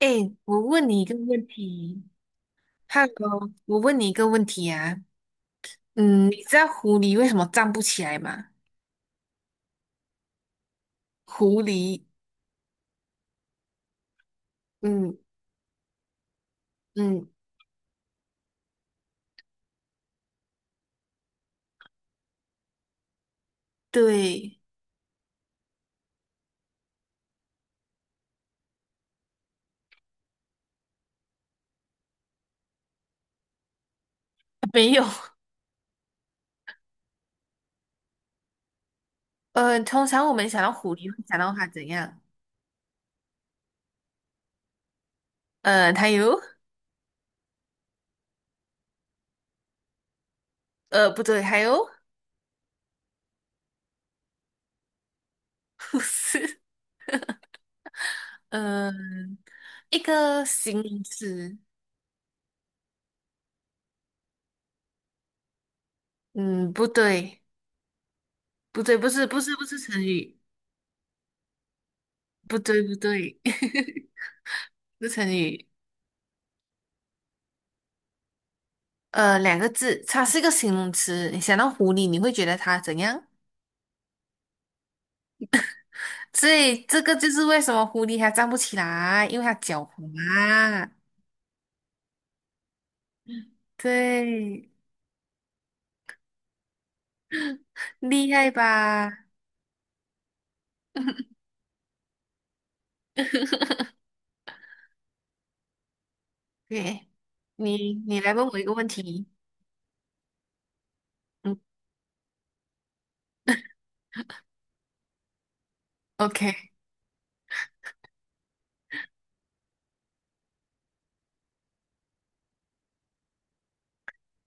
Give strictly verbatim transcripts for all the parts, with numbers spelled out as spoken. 哎，我问你一个问题，Hello，我问你一个问题啊，嗯，你知道狐狸为什么站不起来吗？狐狸，嗯嗯，对，没有，呃，通常我们想到狐狸会想到它怎样？呃，它有，呃，不对，还有，不是，嗯、一个形容词，嗯，不对，不对，不是，不是，不是成语，不对，不对，不是成语，呃，两个字，它是一个形容词。你想到狐狸，你会觉得它怎样？所以这个就是为什么狐狸它站不起来，因为它狡猾。对，厉害吧？对，你你来问我一个问题。嗯，OK，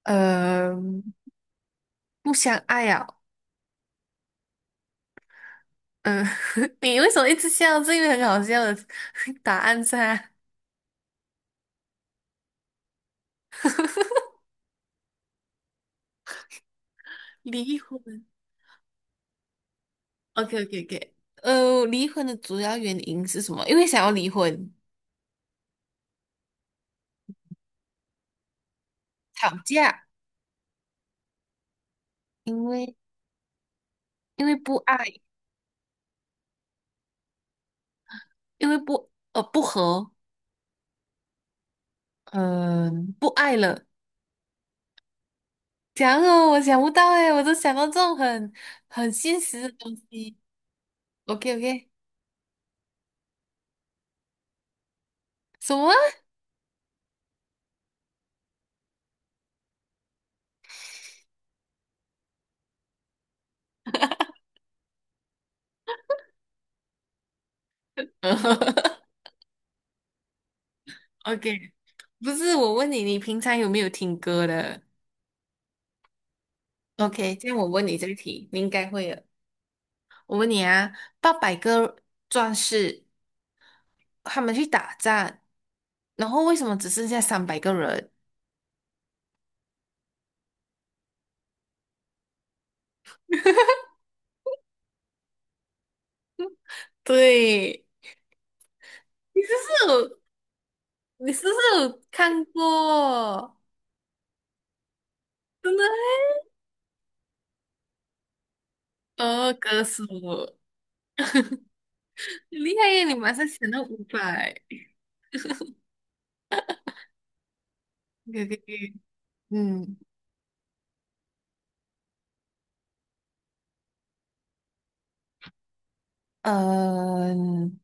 呃，不相爱啊，嗯、你为什么一直笑？这个很好笑的 答案噻。离婚。o k o k o k 呃，离婚的主要原因是什么？因为想要离婚。吵架，因为因为不爱，因为不呃不和，嗯、不爱了。讲哦，我想不到哎，我都想到这种很很现实的东西。OK OK，什么 ？OK，不是我问你，你平常有没有听歌的？OK，这样我问你这个题，你应该会的。我问你啊，八百个壮士他们去打仗，然后为什么只剩下三百个人？对，你这是。你是不是有看过？真的欸？哦，歌手，你厉害耶！你马上想到五百，可以可以可以嗯嗯，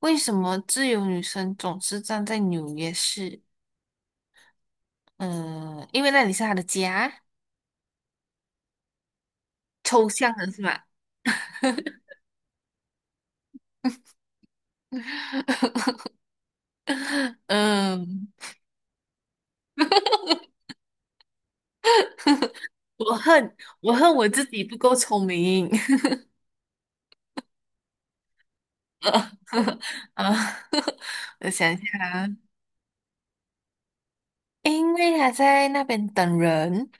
为什么自由女神总是站在纽约市？嗯，因为那里是她的家，抽象的是吧？嗯，我恨我恨我自己不够聪明 啊！我想一下啊，因为他在那边等人。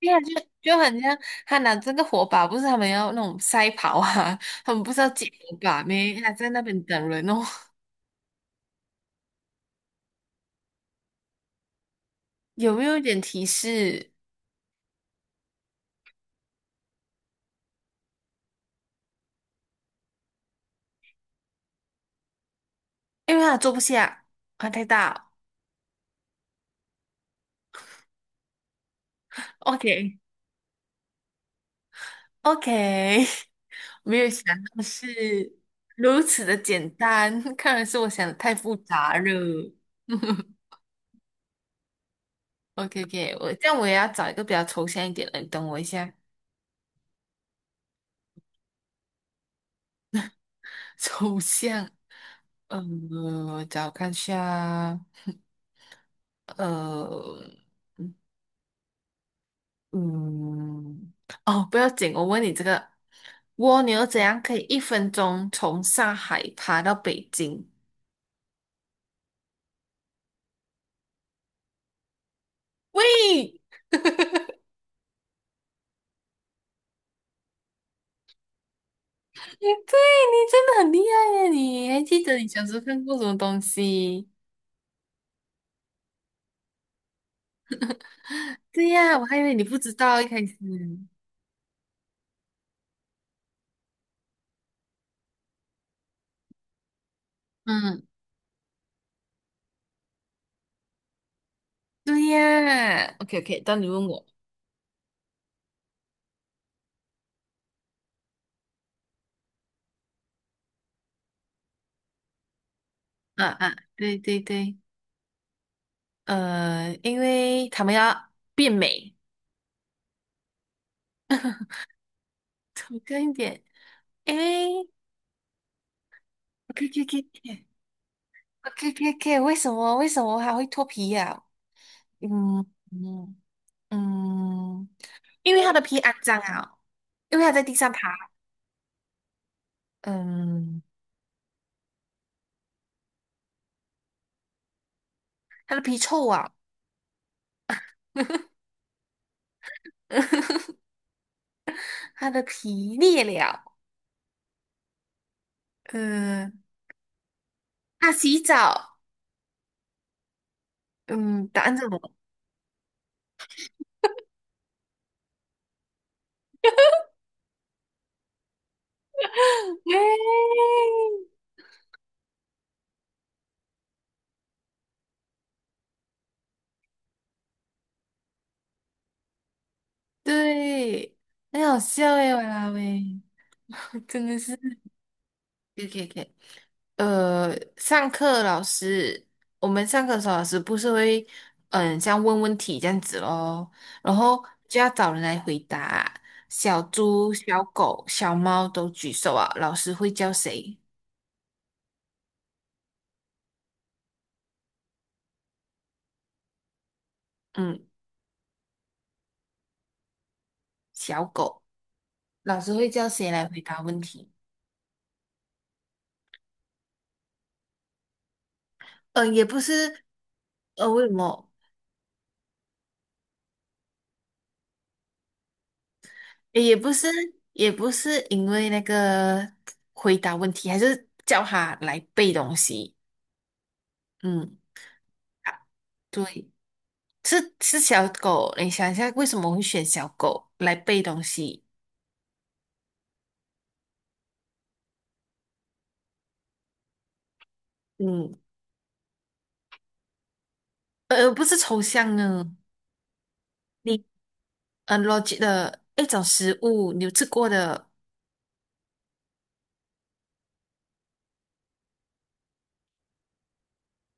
对啊，就就很像他拿这个火把，不是他们要那种赛跑啊，他们不是要捡火把咩？他在那边等人哦。有没有一点提示？因为他坐不下，他太大。OK OK，没有想到是如此的简单，看来是我想的太复杂了。OK OK，我这样我也要找一个比较抽象一点的，你等我一下。抽象，嗯，我找看一下。呃，嗯，嗯哦，不要紧，我问你这个，蜗牛怎样可以一分钟从上海爬到北京？喂，对你真的很厉害呀！你还记得你小时候看过什么东西？对呀，我还以为你不知道一开始。嗯，对呀。OK OK，当你问我，啊啊，对对对，呃，因为他们要变美，走近一点。诶，K K K K K K，为什么为什么还会脱皮呀、嗯嗯嗯，因为它的皮肮脏啊，因为它在地上爬，嗯，它的皮臭啊，它的皮裂了，嗯，它洗澡，嗯，答案是什么？耶对，很好笑哎，哇啦喂，真的是。可以可以可以呃，上课老师，我们上课的时候老师不是会，嗯，像问问题这样子咯，然后就要找人来回答。小猪、小狗、小猫都举手啊，老师会叫谁？嗯，小狗，老师会叫谁来回答问题？嗯，也不是，呃，为什么？也也不是，也不是因为那个回答问题，还是叫他来背东西。嗯，啊对。是是小狗，你想一下，为什么会选小狗来背东西？嗯，呃，不是抽象呢，你呃 l o 的一种食物，你有吃过的？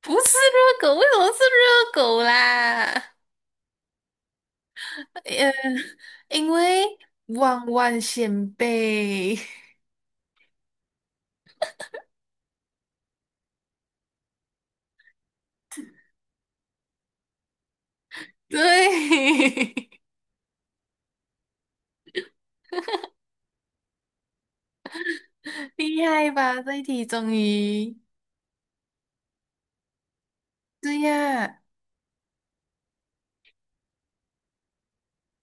不是热狗，为什么是热狗啦？呃，因为万万先辈，对，厉害吧？这一题终于，对呀，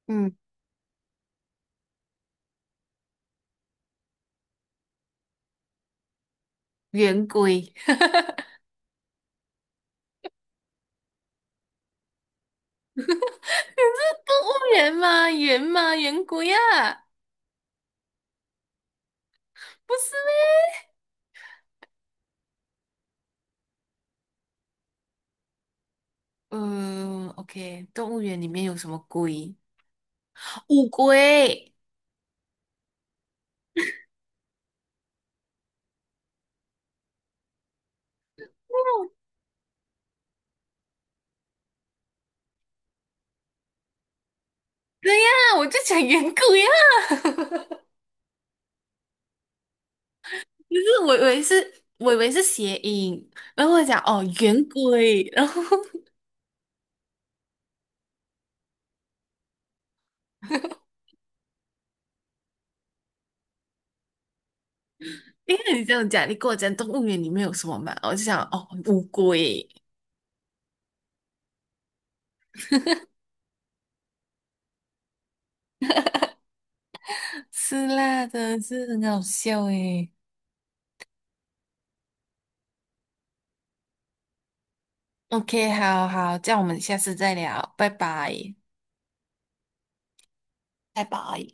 嗯，圆规，你是动物园吗？圆吗？圆规啊？不是。嗯，OK，动物园里面有什么龟？乌龟。对呀，我就讲圆规呀，可是我以为是，我以为是谐音，然后我讲哦圆规，然后 因为你这样讲，你跟我讲动物园里面有什么嘛，我就想哦乌龟。是啦，真的是很好笑诶。OK，好好，这样我们下次再聊，拜拜。拜拜。